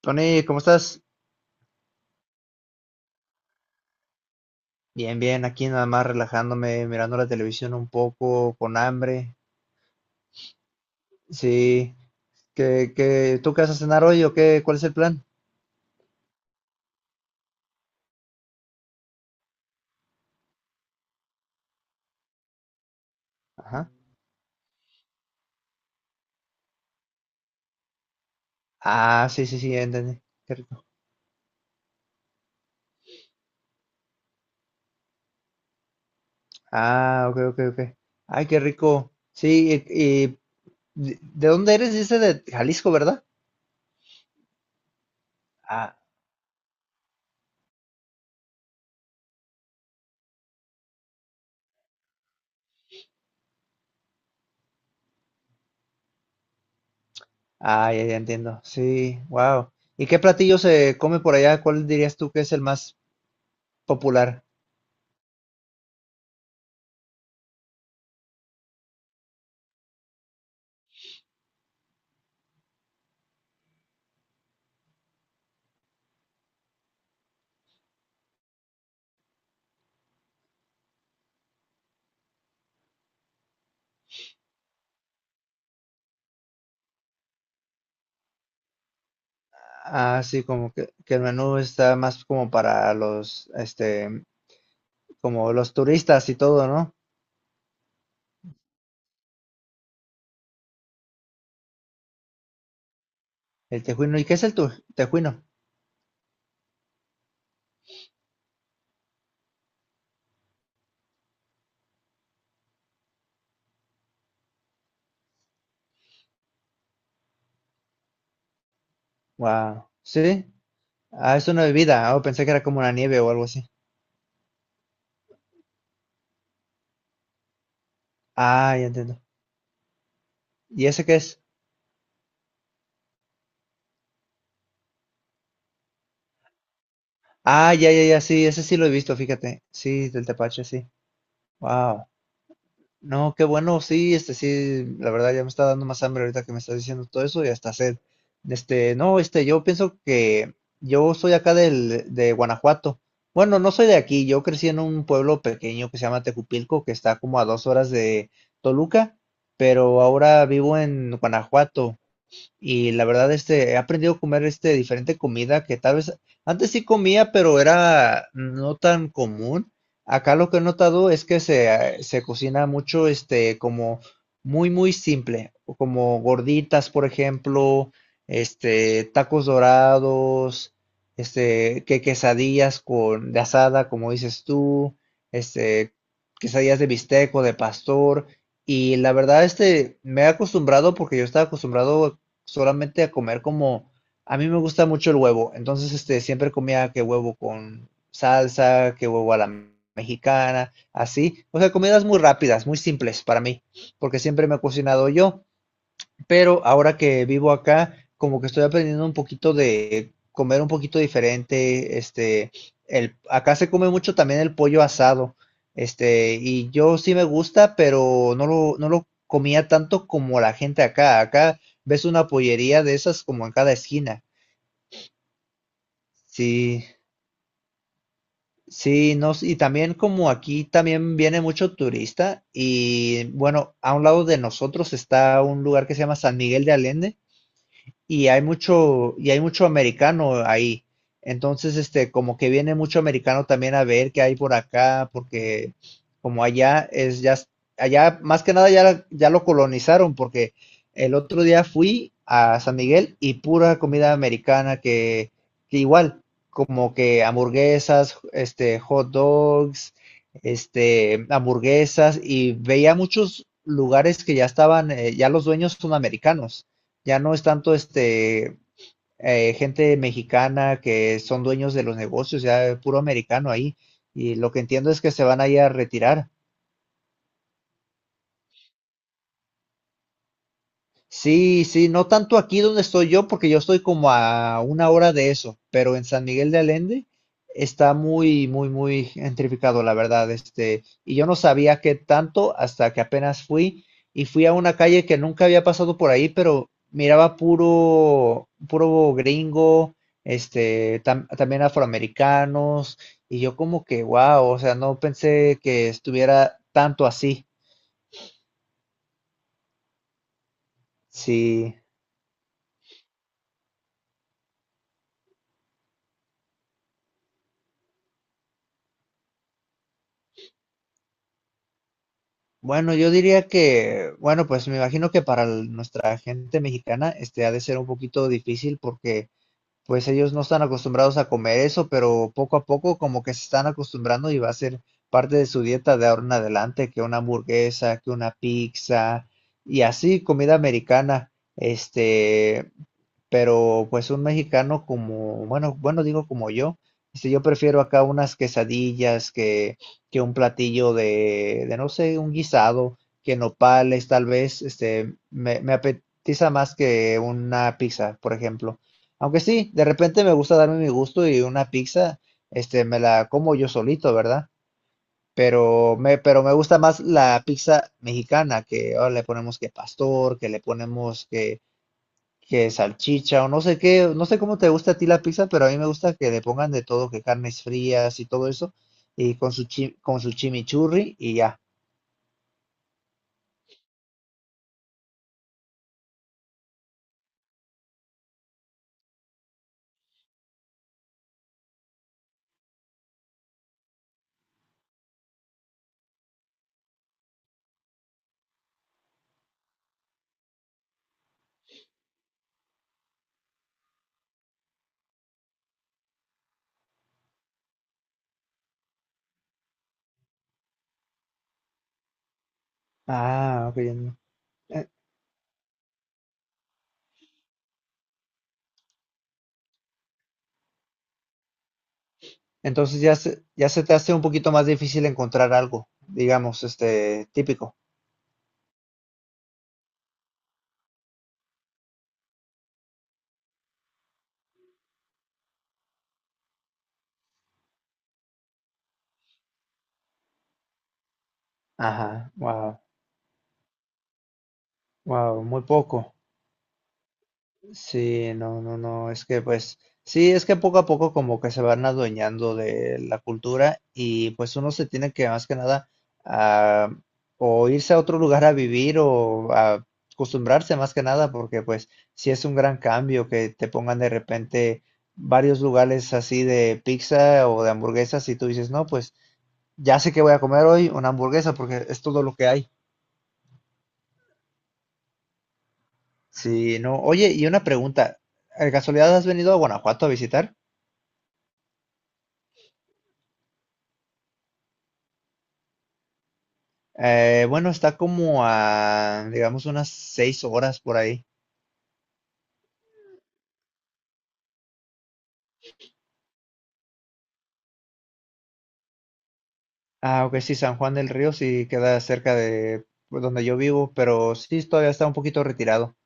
Tony, ¿cómo estás? Bien, bien, aquí nada más relajándome, mirando la televisión un poco, con hambre. Sí, ¿qué, tú qué vas a cenar hoy o qué? ¿Cuál es el plan? Ajá. Ah, sí, sí, sí, ya entendí. Qué rico. Ah, ok, ok, ok. Ay, qué rico. Sí, y ¿de dónde eres? Dice de Jalisco, ¿verdad? Ah, ah, ya, ya entiendo. Sí, wow. ¿Y qué platillo se come por allá? ¿Cuál dirías tú que es el más popular? Ah, sí, como que el menú está más como para los, como los turistas y todo, ¿no? El tejuino. ¿Y qué es el tejuino? Wow. Sí. Ah, es una bebida. Oh, pensé que era como una nieve o algo así. Ah, ya entiendo. ¿Y ese qué es? Ah, ya, ya, ya, sí, ese sí lo he visto, fíjate. Sí, del tepache, sí. Wow. No, qué bueno, sí, sí, la verdad ya me está dando más hambre ahorita que me estás diciendo todo eso y hasta sed. No, yo pienso que yo soy acá de Guanajuato. Bueno, no soy de aquí, yo crecí en un pueblo pequeño que se llama Tecupilco, que está como a 2 horas de Toluca, pero ahora vivo en Guanajuato. Y la verdad, he aprendido a comer diferente comida que tal vez antes sí comía, pero era no tan común. Acá lo que he notado es que se cocina mucho, como muy, muy simple, o como gorditas, por ejemplo, tacos dorados, que quesadillas de asada, como dices tú, este, quesadillas de bistec o de pastor. Y la verdad, me he acostumbrado porque yo estaba acostumbrado solamente a comer como, a mí me gusta mucho el huevo, entonces siempre comía que huevo con salsa, que huevo a la mexicana, así, o sea, comidas muy rápidas, muy simples para mí, porque siempre me he cocinado yo, pero ahora que vivo acá, como que estoy aprendiendo un poquito de comer un poquito diferente, acá se come mucho también el pollo asado, y yo sí me gusta, pero no lo comía tanto como la gente acá, ves una pollería de esas como en cada esquina, sí, sí, no, y también como aquí también viene mucho turista, y bueno, a un lado de nosotros está un lugar que se llama San Miguel de Allende, y hay mucho americano ahí. Entonces, como que viene mucho americano también a ver qué hay por acá, porque como allá es ya, allá más que nada ya, ya lo colonizaron, porque el otro día fui a San Miguel y pura comida americana que igual, como que hamburguesas, hot dogs, hamburguesas, y veía muchos lugares que ya estaban, ya los dueños son americanos. Ya no es tanto gente mexicana que son dueños de los negocios, ya puro americano ahí. Y lo que entiendo es que se van a ir a retirar. Sí, sí, no tanto aquí donde estoy yo, porque yo estoy como a una hora de eso, pero en San Miguel de Allende está muy, muy, muy gentrificado, la verdad, y yo no sabía qué tanto hasta que apenas fui y fui a una calle que nunca había pasado por ahí, pero miraba puro, puro gringo, también afroamericanos, y yo como que, wow, o sea, no pensé que estuviera tanto así, sí. Bueno, yo diría que, bueno, pues me imagino que para nuestra gente mexicana, ha de ser un poquito difícil porque, pues ellos no están acostumbrados a comer eso, pero poco a poco como que se están acostumbrando y va a ser parte de su dieta de ahora en adelante, que una hamburguesa, que una pizza y así comida americana. Este, pero pues un mexicano como, bueno, bueno, digo como yo, yo prefiero acá unas quesadillas que un platillo de no sé, un guisado, que nopales tal vez, me apetiza más que una pizza, por ejemplo. Aunque sí, de repente me gusta darme mi gusto y una pizza, me la como yo solito, ¿verdad? Pero me gusta más la pizza mexicana, que ahora le ponemos que pastor, que le ponemos que salchicha o no sé qué, no sé cómo te gusta a ti la pizza, pero a mí me gusta que le pongan de todo, que carnes frías y todo eso, y con su con su chimichurri y ya. Ah, ok. Eh, Entonces ya se te hace un poquito más difícil encontrar algo, digamos, típico. Ajá, wow, wow, muy poco. Sí, no, no, no, es que pues sí, es que poco a poco como que se van adueñando de la cultura y pues uno se tiene que más que nada ah, o irse a otro lugar a vivir o a acostumbrarse más que nada porque pues sí es un gran cambio que te pongan de repente varios lugares así de pizza o de hamburguesas y tú dices, no, pues ya sé que voy a comer hoy una hamburguesa porque es todo lo que hay. Sí, no. Oye, y una pregunta, ¿de casualidad has venido a Guanajuato a visitar? Bueno, está como a, digamos, unas 6 horas por ahí. Ah, ok, sí, San Juan del Río sí queda cerca de, pues, donde yo vivo, pero sí, todavía está un poquito retirado.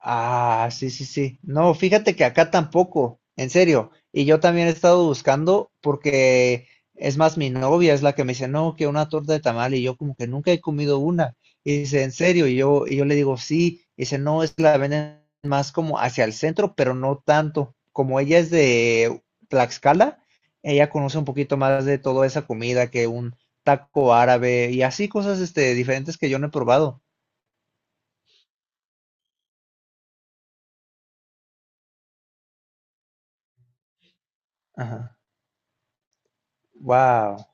Ah, sí, sí, sí. No, fíjate que acá tampoco, en serio. Y yo también he estado buscando porque es más mi novia es la que me dice, no, que una torta de tamal y yo como que nunca he comido una. Y dice, en serio, y yo, le digo, sí. Y dice, no, es que la venden más como hacia el centro, pero no tanto. Como ella es de Tlaxcala, ella conoce un poquito más de toda esa comida que un taco árabe y así cosas diferentes que yo no he probado. Ajá. Wow.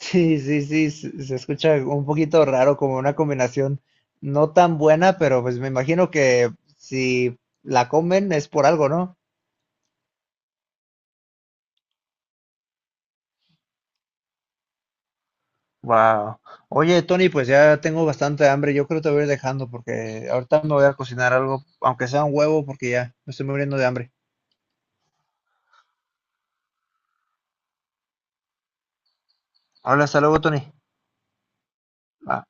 Sí, sí, sí, se escucha un poquito raro, como una combinación no tan buena, pero pues me imagino que si la comen es por algo, ¿no? Wow. Oye, Tony, pues ya tengo bastante hambre. Yo creo que te voy a ir dejando porque ahorita me voy a cocinar algo, aunque sea un huevo, porque ya me estoy muriendo de hambre. Habla, hasta luego, Tony. Ah.